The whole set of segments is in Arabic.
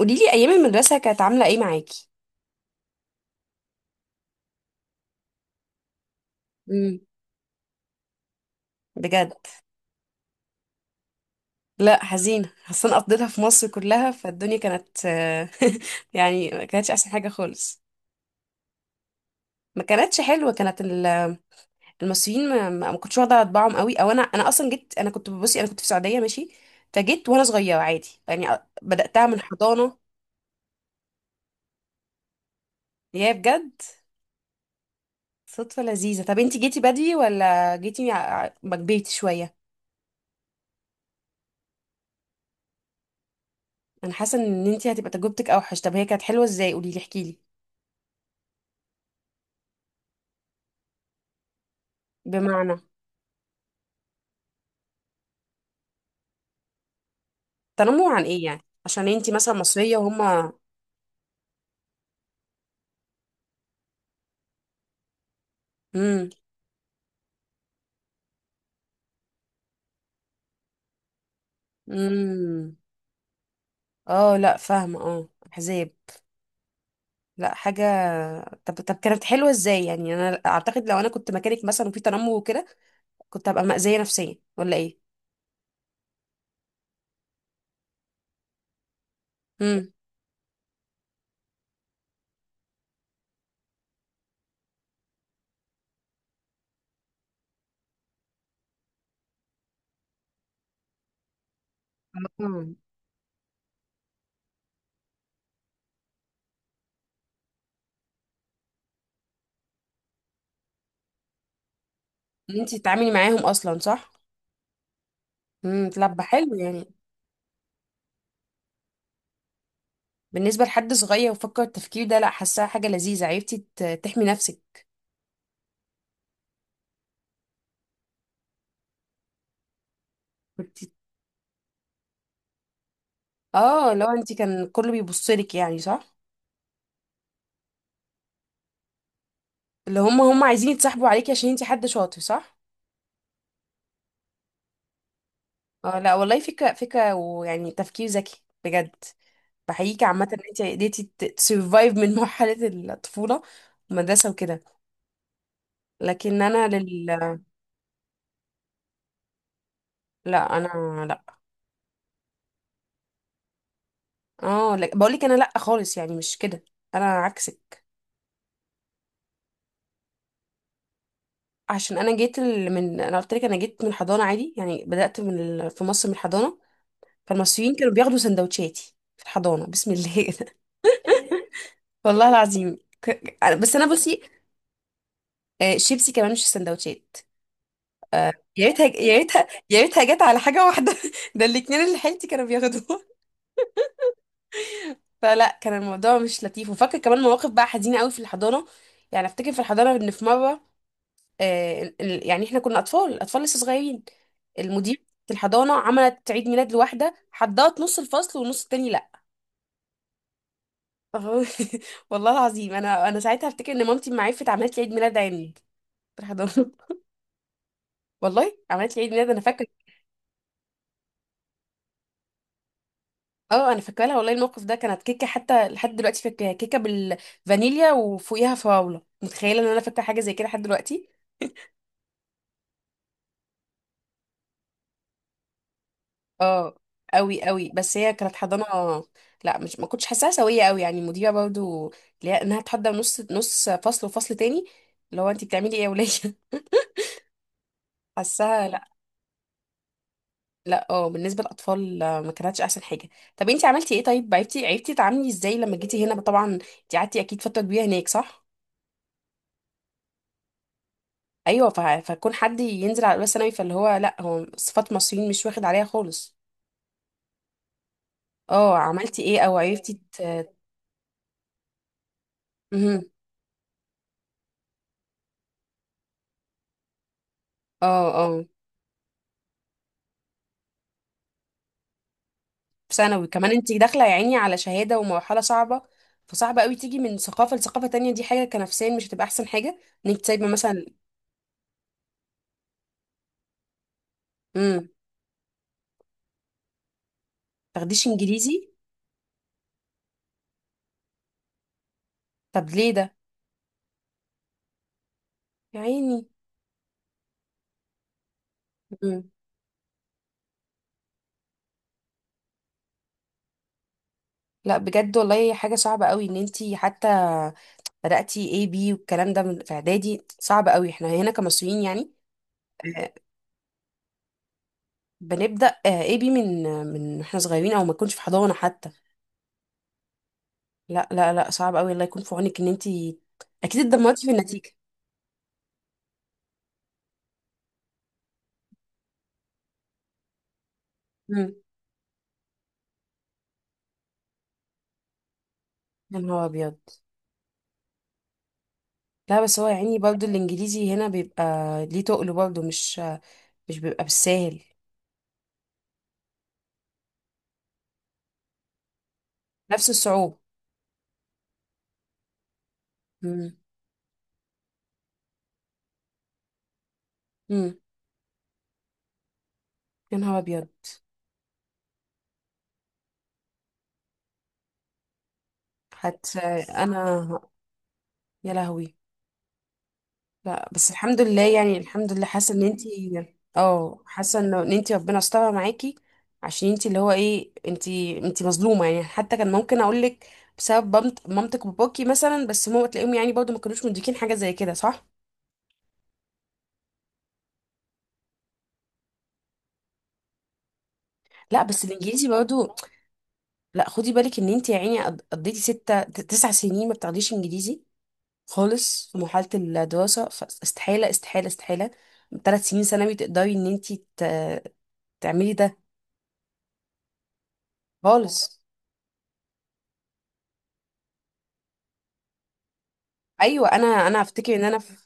قوليلي ايام المدرسه كانت عامله ايه معاكي؟ امم. بجد. لا حزينه اصلا قضيتها في مصر كلها فالدنيا كانت يعني ما كانتش احسن حاجه خالص. ما كانتش حلوه، كانت المصريين ما كنتش واخده طباعهم قوي، او انا اصلا جيت، انا كنت بصي انا كنت في السعوديه ماشي. فجيت وانا صغيره عادي يعني بداتها من حضانه. يا بجد. صدفه لذيذه. طب انتي جيتي بدري ولا جيتي ما كبرتي شويه؟ انا حاسه ان انتي هتبقى تجربتك اوحش. طب هي كانت حلوه ازاي؟ قوليلي احكيلي. بمعنى؟ تنمر عن ايه يعني؟ عشان انتي مثلا مصرية وهما؟ امم. امم. اه، لا فاهمة، اه احزاب. لا حاجة. طب طب كانت حلوة ازاي يعني؟ انا اعتقد لو انا كنت مكانك مثلا وفي تنمر وكده كنت هبقى مأذية نفسيا ولا ايه؟ امم. امم. ان انتي تتعاملي معاهم اصلا صح؟ امم، طب حلو يعني. بالنسبة لحد صغير وفكر التفكير ده لا، حاساها حاجة لذيذة. عرفتي تحمي نفسك. كنت. اه، لو انتي كان كله بيبصلك يعني صح؟ اللي هم عايزين يتصاحبوا عليكي عشان انتي حد شاطر صح؟ اه لا والله، فكرة فكرة ويعني تفكير ذكي بجد. بحييكي عامة ان انتي قدرتي تسرفايف من مرحلة الطفولة، المدرسة وكده. لكن انا لا انا لا. اه لا. بقول لك انا لا خالص، يعني مش كده. انا عكسك. عشان انا جيت ال- من انا قلت لك انا جيت من الحضانة عادي، يعني بدأت من في مصر من الحضانة. فالمصريين كانوا بياخدوا سندوتشاتي في الحضانة بسم الله. والله العظيم بس انا بصي، شيبسي كمان مش السندوتشات. آه، يا ريتها يا ريتها يا ريتها جت على حاجه واحده ده الاتنين اللي حيلتي كانوا بياخدوها فلا كان الموضوع مش لطيف، وفاكر كمان مواقف بقى حزينه قوي في الحضانه. يعني افتكر في الحضانه ان في مره يعني احنا كنا اطفال اطفال لسه صغيرين، المدير في الحضانه عملت عيد ميلاد لواحده، حضرت نص الفصل والنص التاني لا. والله العظيم انا ساعتها افتكر ان مامتي ما عرفت، عملت لي عيد ميلاد عندي في الحضانه. والله عملت لي عيد ميلاد انا فاكره. اه، انا فاكره لها والله الموقف ده، كانت كيكه، حتى لحد دلوقتي فاكراها كيكه بالفانيليا وفوقيها فراوله، متخيله ان انا فاكره حاجه زي كده لحد دلوقتي. اه، قوي قوي بس هي كانت حضانه. لا مش، ما كنتش حاساها سويه قوي، يعني المديره برضو اللي هي انها تحضر نص نص فصل وفصل تاني، اللي هو انت بتعملي ايه يا وليه؟ حاساها لا. لا اه، بالنسبه للاطفال ما كانتش احسن حاجه. طب انت عملتي ايه؟ طيب عرفتي تتعاملي ازاي لما جيتي هنا؟ طبعا انت قعدتي اكيد فتره كبيره هناك صح؟ ايوه، فكون حد ينزل على، بس انا فاللي هو لا، هو صفات مصريين مش واخد عليها خالص. اه، عملتي ايه او عرفتي مهم. اه. اه. في ثانوي كمان انت داخله يا عيني على شهاده ومرحله صعبه. فصعب قوي تيجي من ثقافه لثقافه تانية، دي حاجه كنفسيا مش هتبقى احسن حاجه، ان انت سايبه مثلا. امم. تاخديش انجليزي؟ طب ليه ده؟ يا عيني. امم. لا بجد والله حاجه صعبه قوي، ان انت حتى بداتي اي بي والكلام ده في اعدادي، صعب قوي احنا هنا كمصريين يعني. بنبدأ اي بي من احنا صغيرين او ما تكونش في حضانة حتى. لا لا لا، صعب قوي، الله يكون في عونك ان انتي اكيد اتدمرتي في النتيجة. امم. يا نهار ابيض. لا بس هو يعني برضه الانجليزي هنا بيبقى، ليه تقله برضه؟ مش، مش بيبقى بالساهل. نفس الصعوبة. امم. امم. يا نهار ابيض. حتى. انا. يا لهوي. لا بس الحمد لله يعني، الحمد لله حاسه ان انتي، اه حاسه ان انتي ربنا استرها معاكي. عشان انتي اللي هو ايه، انتي مظلومه يعني، حتى كان ممكن اقول لك بسبب مامتك وباباكي مثلا، بس ماما تلاقيهم يعني برضو ما كانوش مديكين حاجه زي كده صح؟ لا بس الانجليزي برضو. لا خدي بالك ان انتي يا عيني قضيتي 9 سنين ما بتاخديش انجليزي خالص في مرحله الدراسه، فاستحاله استحاله استحاله 3 سنين ثانوي تقدري ان انتي تعملي ده. خالص. ايوه، انا افتكر ان انا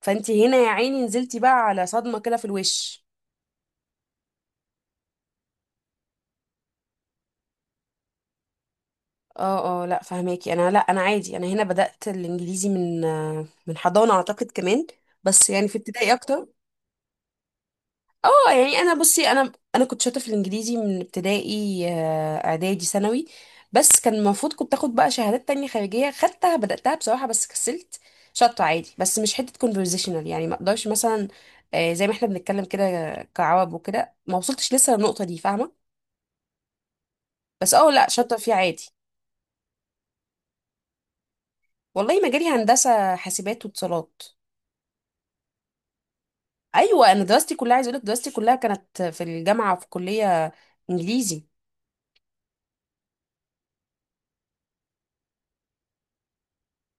فانتي هنا يا عيني نزلتي بقى على صدمه كده في الوش. اه اه، لا فهماكي، انا لا انا عادي، انا هنا بدأت الانجليزي من من حضانه اعتقد كمان، بس يعني في ابتدائي اكتر. اه يعني انا بصي، انا كنت شاطره في الانجليزي من ابتدائي، اعدادي، ثانوي. بس كان المفروض كنت اخد بقى شهادات تانية خارجيه، خدتها بداتها بصراحه بس كسلت. شاطره عادي بس مش حته conversational يعني، ما اقدرش مثلا زي ما احنا بنتكلم كده كعرب وكده، ما وصلتش لسه للنقطه دي فاهمه. بس اه لا شاطره فيه عادي. والله مجالي هندسه حاسبات واتصالات. ايوه انا دراستي كلها، عايز اقول لك دراستي كلها كانت في الجامعه في كليه انجليزي.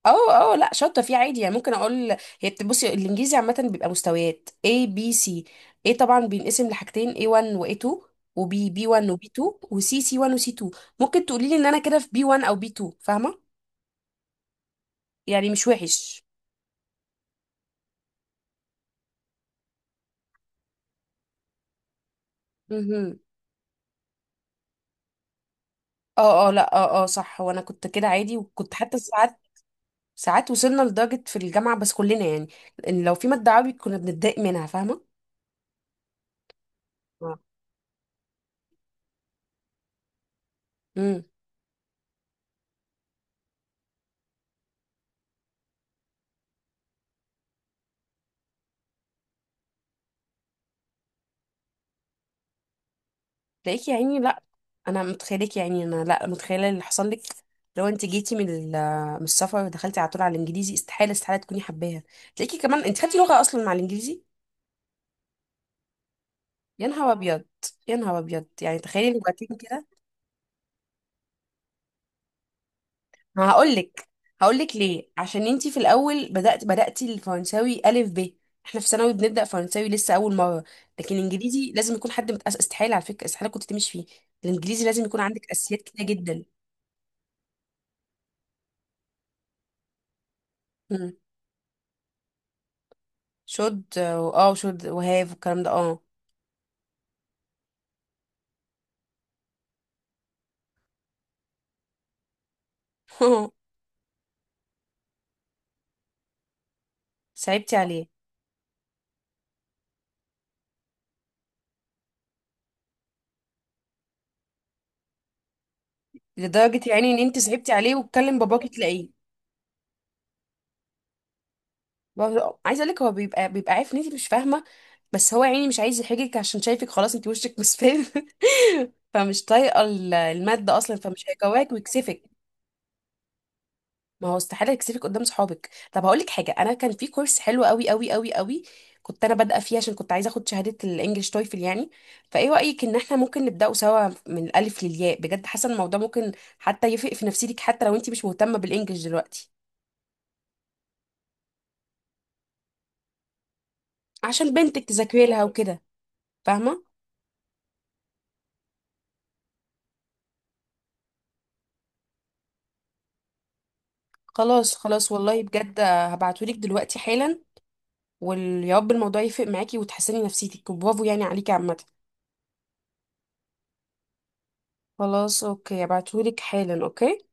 اه اه لا شاطره فيه عادي، يعني ممكن اقول هي بصي الانجليزي عامه بيبقى مستويات ABC. A طبعا بينقسم لحاجتين A1 و A2، و B B1 و B2، و C C1 و C2. ممكن تقولي لي ان انا كده في B1 او B2، فاهمه؟ يعني مش وحش. امم. اه اه لا، اه اه صح، وانا كنت كده عادي، وكنت حتى ساعات، ساعات وصلنا لدرجه في الجامعه بس كلنا يعني، ان لو في ماده عربي كنا بنتضايق منها فاهمه. امم. تلاقيك يا عيني لا، انا متخيلك يا عيني. انا لا متخيله اللي حصل لك. لو انت جيتي من من السفر ودخلتي على طول على الانجليزي، استحاله استحاله تكوني حباها. تلاقيكي كمان انت خدتي لغه اصلا مع الانجليزي؟ يا نهار ابيض. يا نهار ابيض يعني، تخيلي لغتين كده. ما هقول لك، هقول لك ليه: عشان انت في الاول بداتي الفرنساوي الف ب، احنا في ثانوي بنبدا فرنساوي لسه اول مره. لكن الانجليزي لازم يكون حد متأسس، استحاله على فكره، استحاله كنت تمشي فيه. الانجليزي لازم يكون عندك اساسيات كتير جدا. إمم. شد، اه، وشد وهاف والكلام ده، اه. صعبتي عليه. لدرجة يعني ان انت صعبتي عليه، وتكلم باباكي تلاقيه، عايزة اقولك هو بيبقى عارف ان انت مش فاهمة، بس هو يعني مش عايز يحرجك عشان شايفك خلاص انت وشك مصفر فمش طايقة المادة اصلا، فمش هيقواك ويكسفك. ما هو استحالة يكسفك قدام صحابك. طب هقول لك حاجة: أنا كان في كورس حلو قوي قوي قوي قوي كنت أنا بادئة فيه، عشان كنت عايزة أخد شهادة الإنجليش تويفل يعني. فإيه رأيك إن إحنا ممكن نبدأه سوا من الألف للياء؟ بجد حاسة إن الموضوع ممكن حتى يفرق في نفسيتك، حتى لو أنت مش مهتمة بالإنجليش دلوقتي عشان بنتك تذاكري لها وكده، فاهمة؟ خلاص خلاص، والله بجد هبعتهولك دلوقتي حالا. ويا رب الموضوع يفرق معاكي وتحسني نفسيتك، برافو يعني عليكي عامة. خلاص أوكي، هبعتهولك حالا. أوكي.